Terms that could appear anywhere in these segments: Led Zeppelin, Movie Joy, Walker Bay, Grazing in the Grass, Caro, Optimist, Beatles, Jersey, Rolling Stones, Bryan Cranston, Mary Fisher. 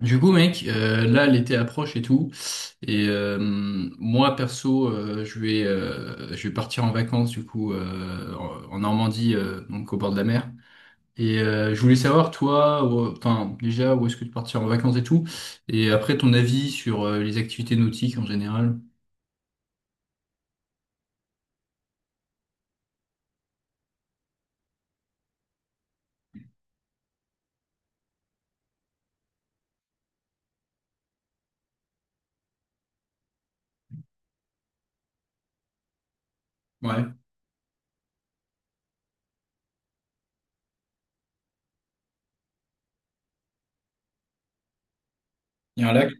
Du coup, mec, là, l'été approche et tout. Et euh, Moi, perso, je vais partir en vacances, du coup, en Normandie, donc au bord de la mer. Je voulais savoir, toi, enfin, déjà, où est-ce que tu partirais en vacances et tout. Et après, ton avis sur les activités nautiques en général. Ouais, il y a un lac.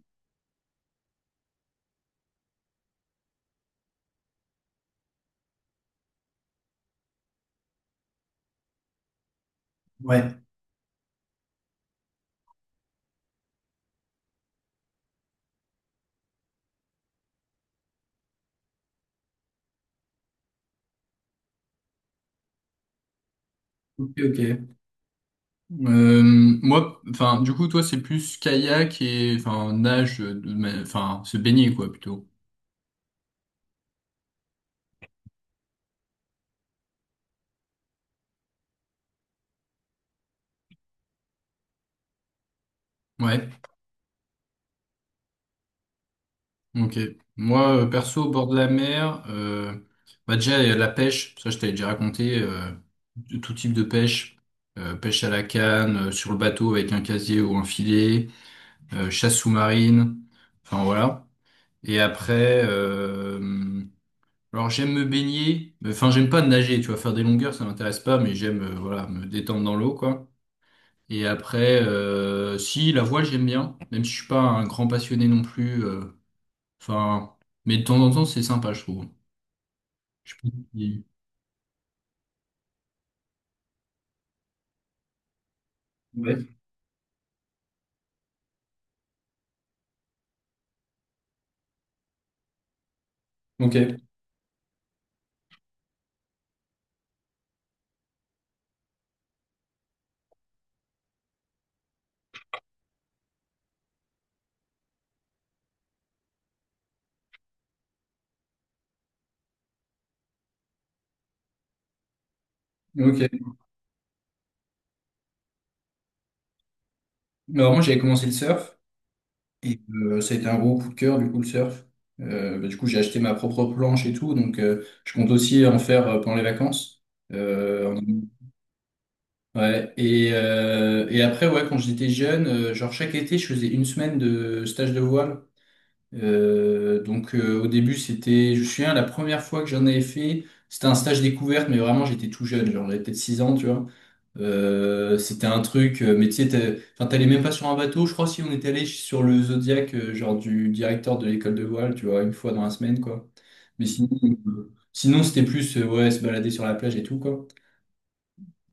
Ouais. Ok, ok. Euh, Moi, enfin, du coup, toi, c'est plus kayak et enfin nage, enfin se baigner quoi plutôt. Ouais. Ok. Moi, perso, au bord de la mer, bah déjà la pêche, ça je t'avais déjà raconté, de tout type de pêche, pêche à la canne, sur le bateau avec un casier ou un filet, chasse sous-marine, enfin voilà. Et après, alors j'aime me baigner, enfin j'aime pas nager, tu vois, faire des longueurs, ça m'intéresse pas, mais j'aime voilà me détendre dans l'eau quoi. Et après, si la voile j'aime bien, même si je suis pas un grand passionné non plus. Enfin, mais de temps en temps, c'est sympa, je trouve. Je pense qu'il- Ouais. Ok, ok. Alors moi j'avais commencé le surf et ça a été un gros coup de cœur du coup le surf. Bah, du coup j'ai acheté ma propre planche et tout, donc je compte aussi en faire pendant les vacances. Euh, en- ouais. Et après ouais quand j'étais jeune, genre chaque été je faisais une semaine de stage de voile. Donc au début c'était, je me souviens, la première fois que j'en avais fait, c'était un stage découverte, mais vraiment j'étais tout jeune, genre j'avais peut-être 6 ans, tu vois. C'était un truc, mais tu sais, enfin, t'allais même pas sur un bateau, je crois si on était allé sur le Zodiac, genre du directeur de l'école de voile, tu vois, une fois dans la semaine, quoi. Mais sinon, sinon c'était plus, ouais, se balader sur la plage et tout, quoi.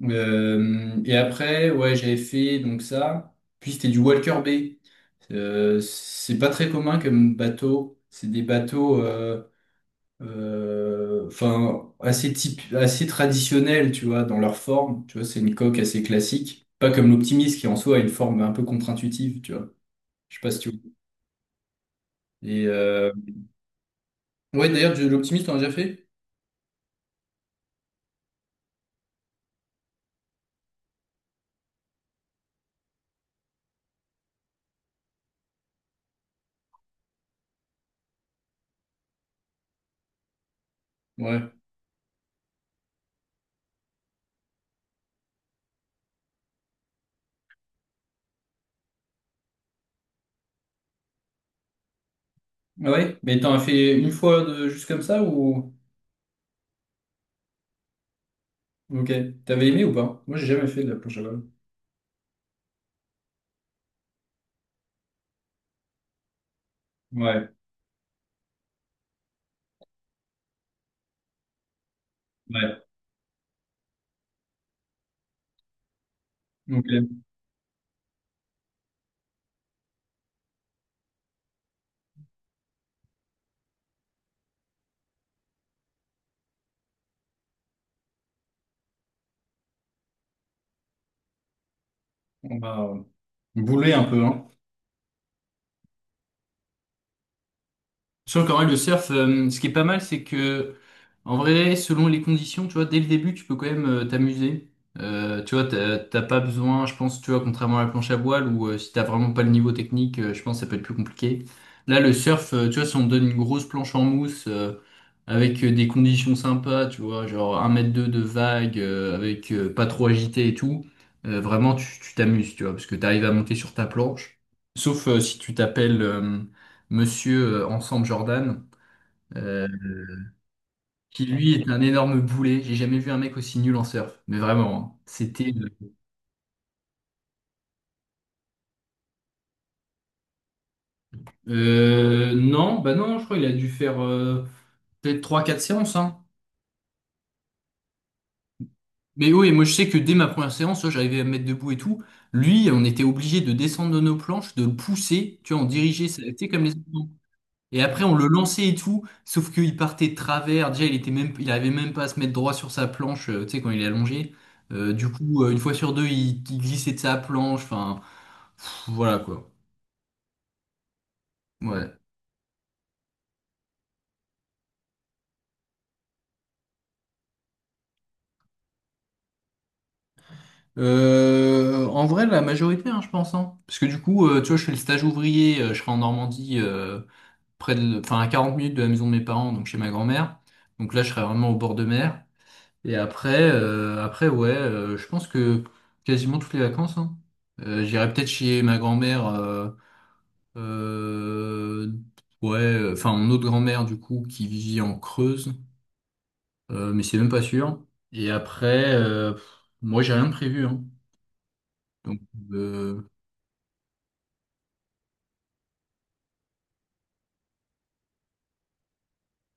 Et après, ouais, j'avais fait donc ça, puis c'était du Walker Bay. C'est pas très commun comme bateau. C'est des bateaux, enfin, assez type, assez traditionnels, tu vois, dans leur forme. Tu vois, c'est une coque assez classique. Pas comme l'optimiste qui en soi a une forme un peu contre-intuitive, tu vois. Je sais pas si tu. Vois. Et euh, ouais, d'ailleurs, de l'Optimist, t'en as déjà fait? Ouais. Ah ouais, mais t'en as fait une fois de... juste comme ça ou. Ok. T'avais aimé ou pas? Moi, j'ai jamais fait de la planche à voile. Ouais, ouais. Ok. On va bouler un peu, hein. Sur quand même le surf, ce qui est pas mal, c'est que en vrai, selon les conditions, tu vois, dès le début, tu peux quand même t'amuser. Tu vois, t'as pas besoin, je pense, tu vois, contrairement à la planche à voile, où si t'as vraiment pas le niveau technique, je pense que ça peut être plus compliqué. Là, le surf, tu vois, si on te donne une grosse planche en mousse, avec des conditions sympas, tu vois, genre un mètre 2 de vague, avec pas trop agité et tout, vraiment, tu t'amuses, tu vois, parce que t'arrives à monter sur ta planche. Sauf si tu t'appelles Monsieur Ensemble Jordan, euh, qui lui est un énorme boulet. J'ai jamais vu un mec aussi nul en surf. Mais vraiment, hein. C'était. Non, bah non, je crois qu'il a dû faire peut-être trois quatre séances. Hein. Mais oui, moi je sais que dès ma première séance, ouais, j'arrivais à me mettre debout et tout. Lui, on était obligé de descendre de nos planches, de le pousser, tu vois, on dirigeait, tu sais, comme les. Et après, on le lançait et tout, sauf qu'il partait de travers. Déjà, il était même, il arrivait même pas à se mettre droit sur sa planche, tu sais, quand il est allongé. Du coup, une fois sur deux, il glissait de sa planche. Enfin, pff, voilà quoi. Ouais. En vrai, la majorité, hein, je pense. Hein. Parce que du coup, tu vois, je fais le stage ouvrier, je serai en Normandie, près de, enfin, à 40 minutes de la maison de mes parents, donc chez ma grand-mère. Donc là, je serai vraiment au bord de mer. Et après, après ouais, je pense que quasiment toutes les vacances, hein. J'irai peut-être chez ma grand-mère, euh, ouais, enfin mon autre grand-mère du coup qui vit en Creuse, mais c'est même pas sûr. Et après, pff, moi j'ai rien de prévu, hein. Donc, euh,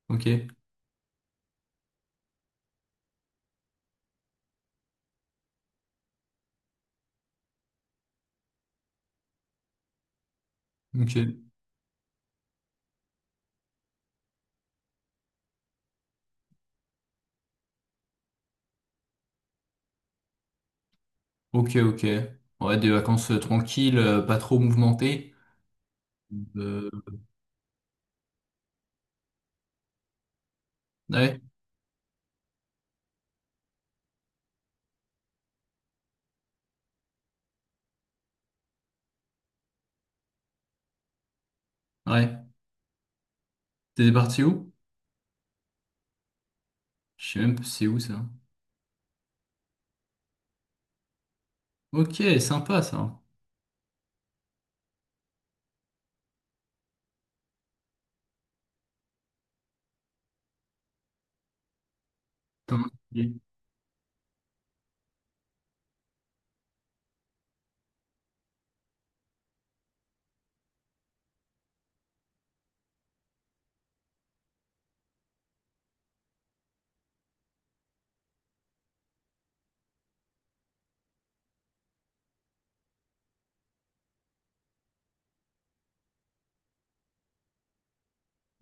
ok, ok, ok, ok. Ouais, des vacances tranquilles, pas trop mouvementées. Euh, ouais, ouais. T'es parti où? Je sais même pas c'est où ça. Ok, sympa ça. C'est?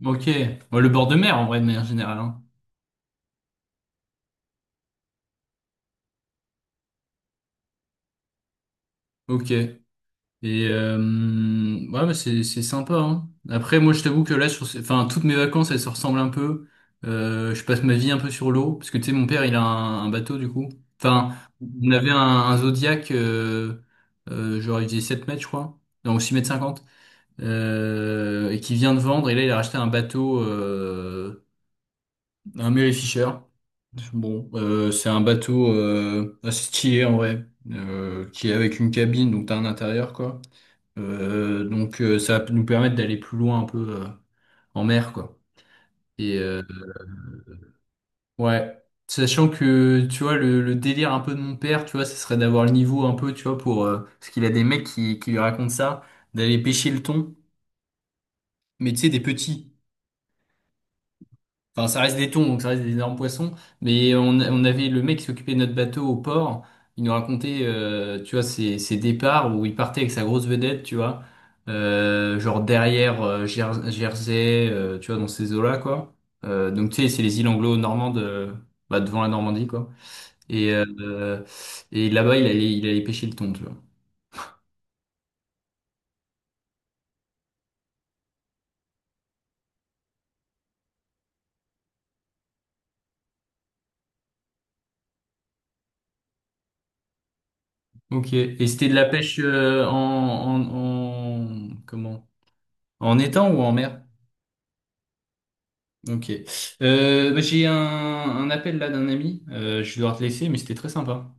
Ok. Bon, le bord de mer, en vrai, de manière générale. Hein. Ok. Et euh, ouais, mais c'est sympa. Hein. Après, moi, je t'avoue que là, enfin, toutes mes vacances, elles se ressemblent un peu. Je passe ma vie un peu sur l'eau, parce que tu sais, mon père, il a un bateau du coup. Enfin, on avait un Zodiac, genre il faisait 7 mètres, je crois, donc 6 mètres 50, et qui vient de vendre. Et là, il a racheté un bateau. Un Mary Fisher. Bon, c'est un bateau assez stylé en vrai, qui est avec une cabine, donc t'as un intérieur quoi. Donc ça va nous permettre d'aller plus loin un peu en mer quoi. Et euh, ouais, sachant que tu vois le délire un peu de mon père, tu vois, ce serait d'avoir le niveau un peu, tu vois, pour parce qu'il a des mecs qui lui racontent ça, d'aller pêcher le thon, mais tu sais des petits. Enfin, ça reste des thons, donc ça reste des énormes poissons. Mais on avait le mec qui s'occupait de notre bateau au port. Il nous racontait, tu vois, ses départs où il partait avec sa grosse vedette, tu vois. Genre derrière Jersey, tu vois, dans ces eaux-là, quoi. Donc, tu sais, c'est les îles anglo-normandes, bah, devant la Normandie, quoi. Et, euh, et là-bas, il allait pêcher le thon, tu vois. Ok. Et c'était de la pêche en... Comment? En étang ou en mer? Ok. Bah, j'ai un appel là d'un ami. Je vais devoir te laisser, mais c'était très sympa.